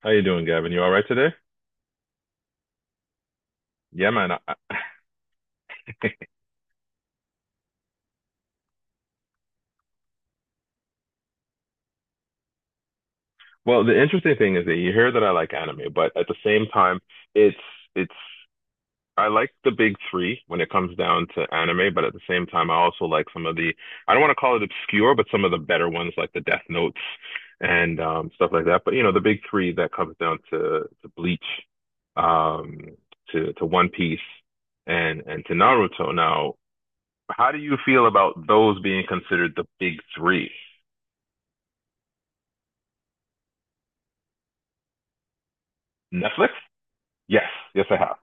How you doing, Gavin? You all right today? Yeah, man. Well, the interesting thing is that you hear that I like anime, but at the same time, it's it's I like the big three when it comes down to anime, but at the same time, I also like some of the I don't want to call it obscure, but some of the better ones like the Death Notes and stuff like that. But you know, the big three that comes down to Bleach, um, to One Piece, and to Naruto. Now, how do you feel about those being considered the big three? Netflix? Yes, yes, I have.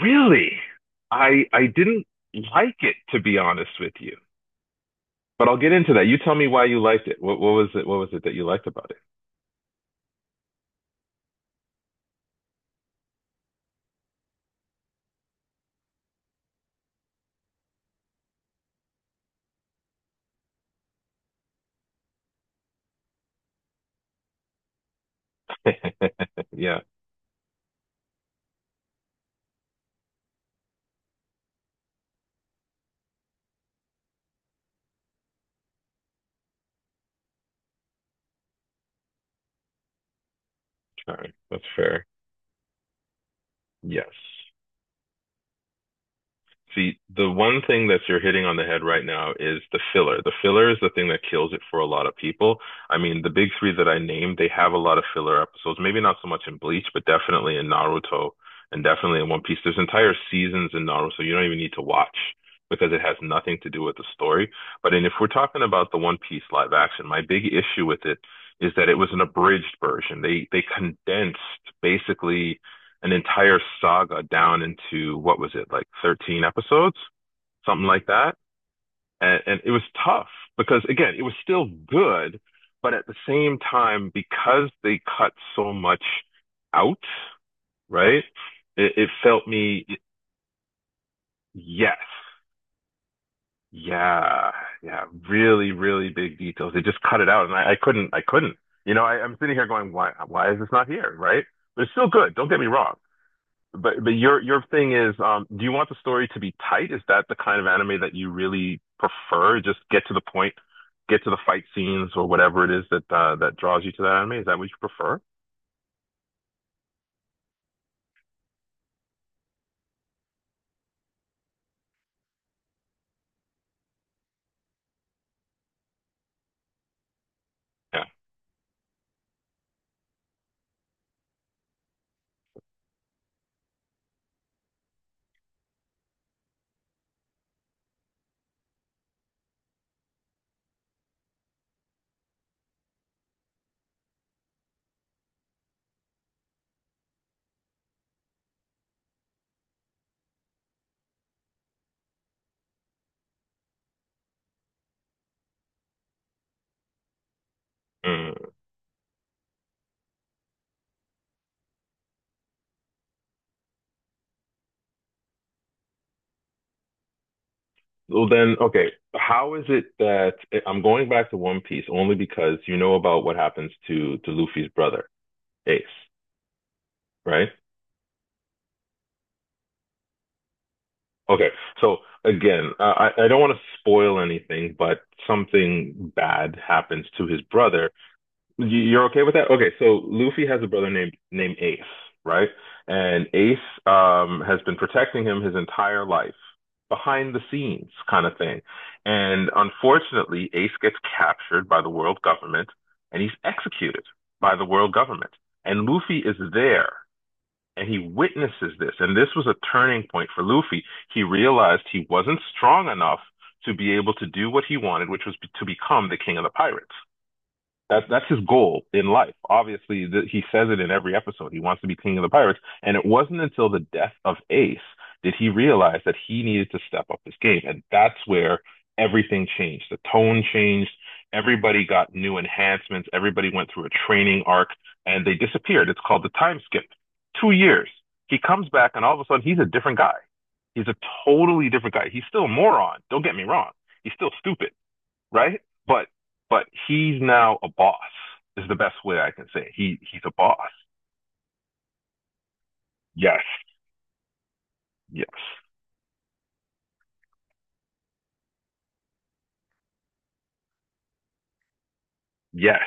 Really? I didn't like it, to be honest with you. But I'll get into that. You tell me why you liked it. What was it? What was it that you liked about it? Yeah, sorry. That's fair. Yes. See, the one thing that you're hitting on the head right now is the filler. The filler is the thing that kills it for a lot of people. I mean, the big three that I named, they have a lot of filler episodes. Maybe not so much in Bleach, but definitely in Naruto and definitely in One Piece. There's entire seasons in Naruto you don't even need to watch because it has nothing to do with the story. But and if we're talking about the One Piece live action, my big issue with it is that it was an abridged version. They condensed basically an entire saga down into what was it like 13 episodes, something like that. And it was tough because again, it was still good, but at the same time, because they cut so much out, right? It felt me, yes, yeah, yeah, really, really big details. They just cut it out, and I couldn't, I couldn't. You know, I'm sitting here going, why is this not here, right? But it's still good. Don't get me wrong. But your thing is, do you want the story to be tight? Is that the kind of anime that you really prefer? Just get to the point, get to the fight scenes or whatever it is that that draws you to that anime. Is that what you prefer? Yeah. Mm. Well then, okay. How is it that I'm going back to One Piece only because you know about what happens to Luffy's brother, Ace, right? Okay. So again, I don't want to spoil anything, but something bad happens to his brother. You- are okay with that? Okay, so Luffy has a brother named Ace, right? And Ace has been protecting him his entire life, behind the scenes kind of thing. And unfortunately, Ace gets captured by the world government and he's executed by the world government. And Luffy is there and he witnesses this. And this was a turning point for Luffy. He realized he wasn't strong enough to be able to do what he wanted, which was to become the king of the pirates. That's his goal in life. Obviously, he says it in every episode. He wants to be king of the pirates, and it wasn't until the death of Ace did he realize that he needed to step up his game, and that's where everything changed. The tone changed. Everybody got new enhancements. Everybody went through a training arc, and they disappeared. It's called the time skip. 2 years. He comes back, and all of a sudden, he's a different guy. He's a totally different guy. He's still a moron. Don't get me wrong. He's still stupid, right? But he's now a boss. Is the best way I can say it. He's a boss. Yes, yes, yes.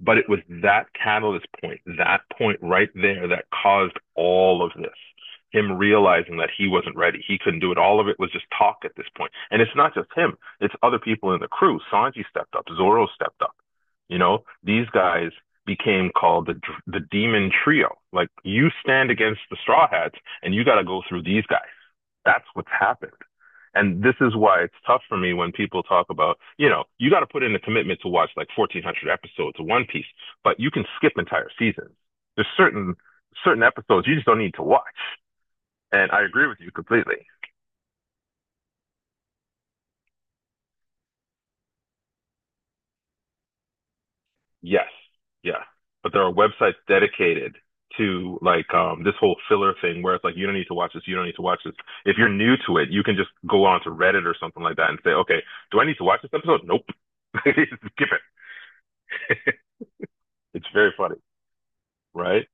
But it was that catalyst point, that point right there, that caused all of this. Him realizing that he wasn't ready, he couldn't do it. All of it was just talk at this point. And it's not just him; it's other people in the crew. Sanji stepped up, Zoro stepped up. You know, these guys became called the Demon Trio. Like you stand against the Straw Hats, and you got to go through these guys. That's what's happened. And this is why it's tough for me when people talk about, you know, you got to put in a commitment to watch like 1400 episodes of One Piece, but you can skip entire seasons. There's certain, certain episodes you just don't need to watch. And I agree with you completely. Yes. Yeah. But there are websites dedicated to like this whole filler thing where it's like you don't need to watch this, you don't need to watch this. If you're new to it, you can just go on to Reddit or something like that and say, okay, do I need to watch this episode? Nope, skip it. It's very funny. Right?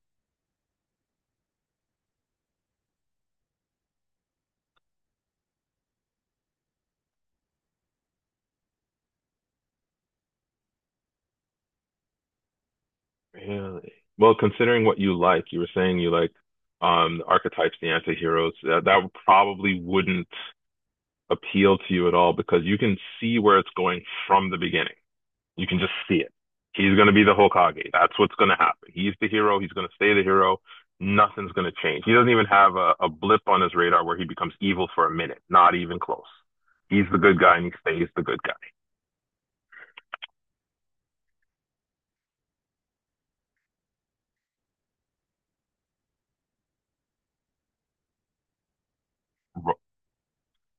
Really? Well, considering what you like, you were saying you like the archetypes, the anti-heroes, that probably wouldn't appeal to you at all because you can see where it's going from the beginning. You can just see it. He's going to be the Hokage. That's what's going to happen. He's the hero. He's going to stay the hero. Nothing's going to change. He doesn't even have a blip on his radar where he becomes evil for a minute. Not even close. He's the good guy and he stays the good guy.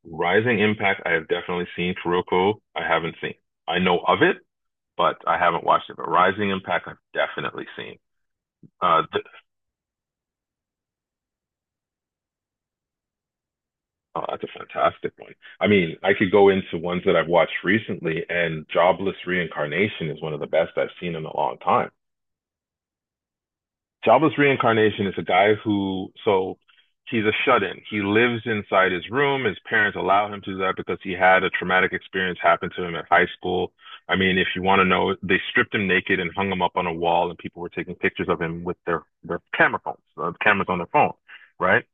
Rising Impact, I have definitely seen. Kuroko, I haven't seen. I know of it, but I haven't watched it. But Rising Impact, I've definitely seen. Uh, th- oh, that's a fantastic one. I mean, I could go into ones that I've watched recently, and Jobless Reincarnation is one of the best I've seen in a long time. Jabba's reincarnation is a guy who, so he's a shut-in. He lives inside his room. His parents allow him to do that because he had a traumatic experience happen to him at high school. I mean, if you want to know, they stripped him naked and hung him up on a wall, and people were taking pictures of him with their camera phones, cameras on their phone, right?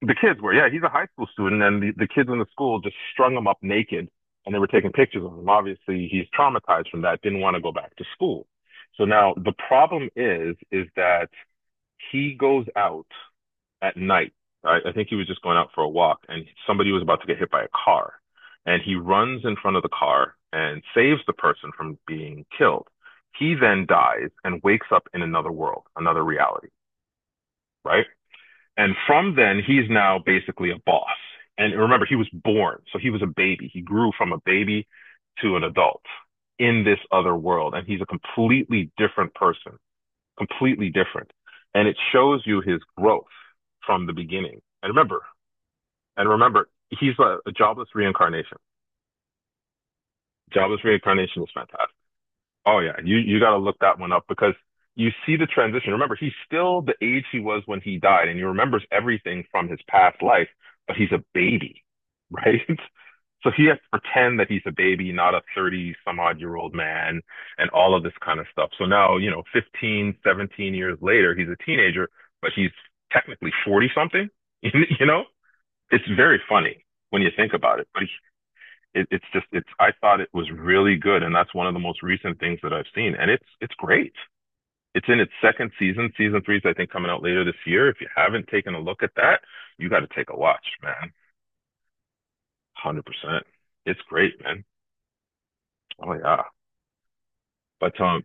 The kids were, yeah, he's a high school student, and the kids in the school just strung him up naked, and they were taking pictures of him. Obviously, he's traumatized from that, didn't want to go back to school. So now the problem is that he goes out at night. I think he was just going out for a walk, and somebody was about to get hit by a car, and he runs in front of the car and saves the person from being killed. He then dies and wakes up in another world, another reality, right? And from then, he's now basically a boss. And remember, he was born, so he was a baby. He grew from a baby to an adult in this other world, and he's a completely different person, completely different. And it shows you his growth from the beginning. And remember, he's a jobless reincarnation. Jobless reincarnation is fantastic. Oh yeah, you got to look that one up because you see the transition. Remember, he's still the age he was when he died, and he remembers everything from his past life, but he's a baby, right? So he has to pretend that he's a baby, not a 30 some odd year old man, and all of this kind of stuff. So now, you know, 15, 17 years later, he's a teenager, but he's technically 40 something, you know? It's very funny when you think about it, but it's I thought it was really good, and that's one of the most recent things that I've seen, and it's great. It's in its second season. Season three is I think coming out later this year. If you haven't taken a look at that, you got to take a watch, man. 100%. It's great, man. Oh yeah. But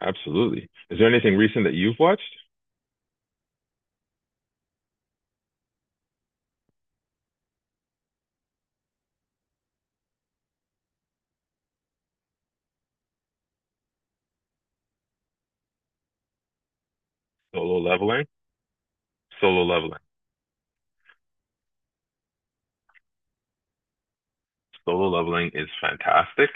absolutely. Is there anything recent that you've watched? Solo Leveling. Solo Leveling. Solo Leveling is fantastic.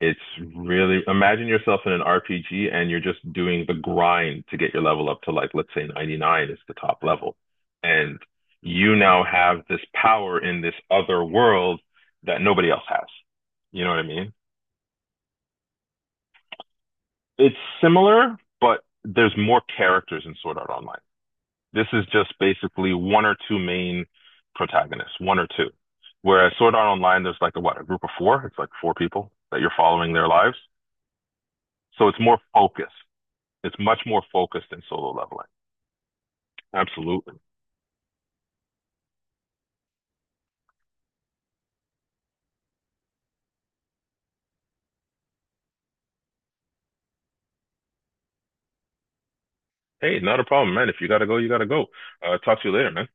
It's really imagine yourself in an RPG and you're just doing the grind to get your level up to like let's say 99 is the top level. And you now have this power in this other world that nobody else has. You know what I mean? It's similar, but there's more characters in Sword Art Online. This is just basically one or two main protagonists, one or two. Whereas Sword Art Online, there's like a what, a group of four? It's like four people that you're following their lives. So it's more focused. It's much more focused than solo leveling. Absolutely. Hey, not a problem, man. If you gotta go, you gotta go. Talk to you later, man.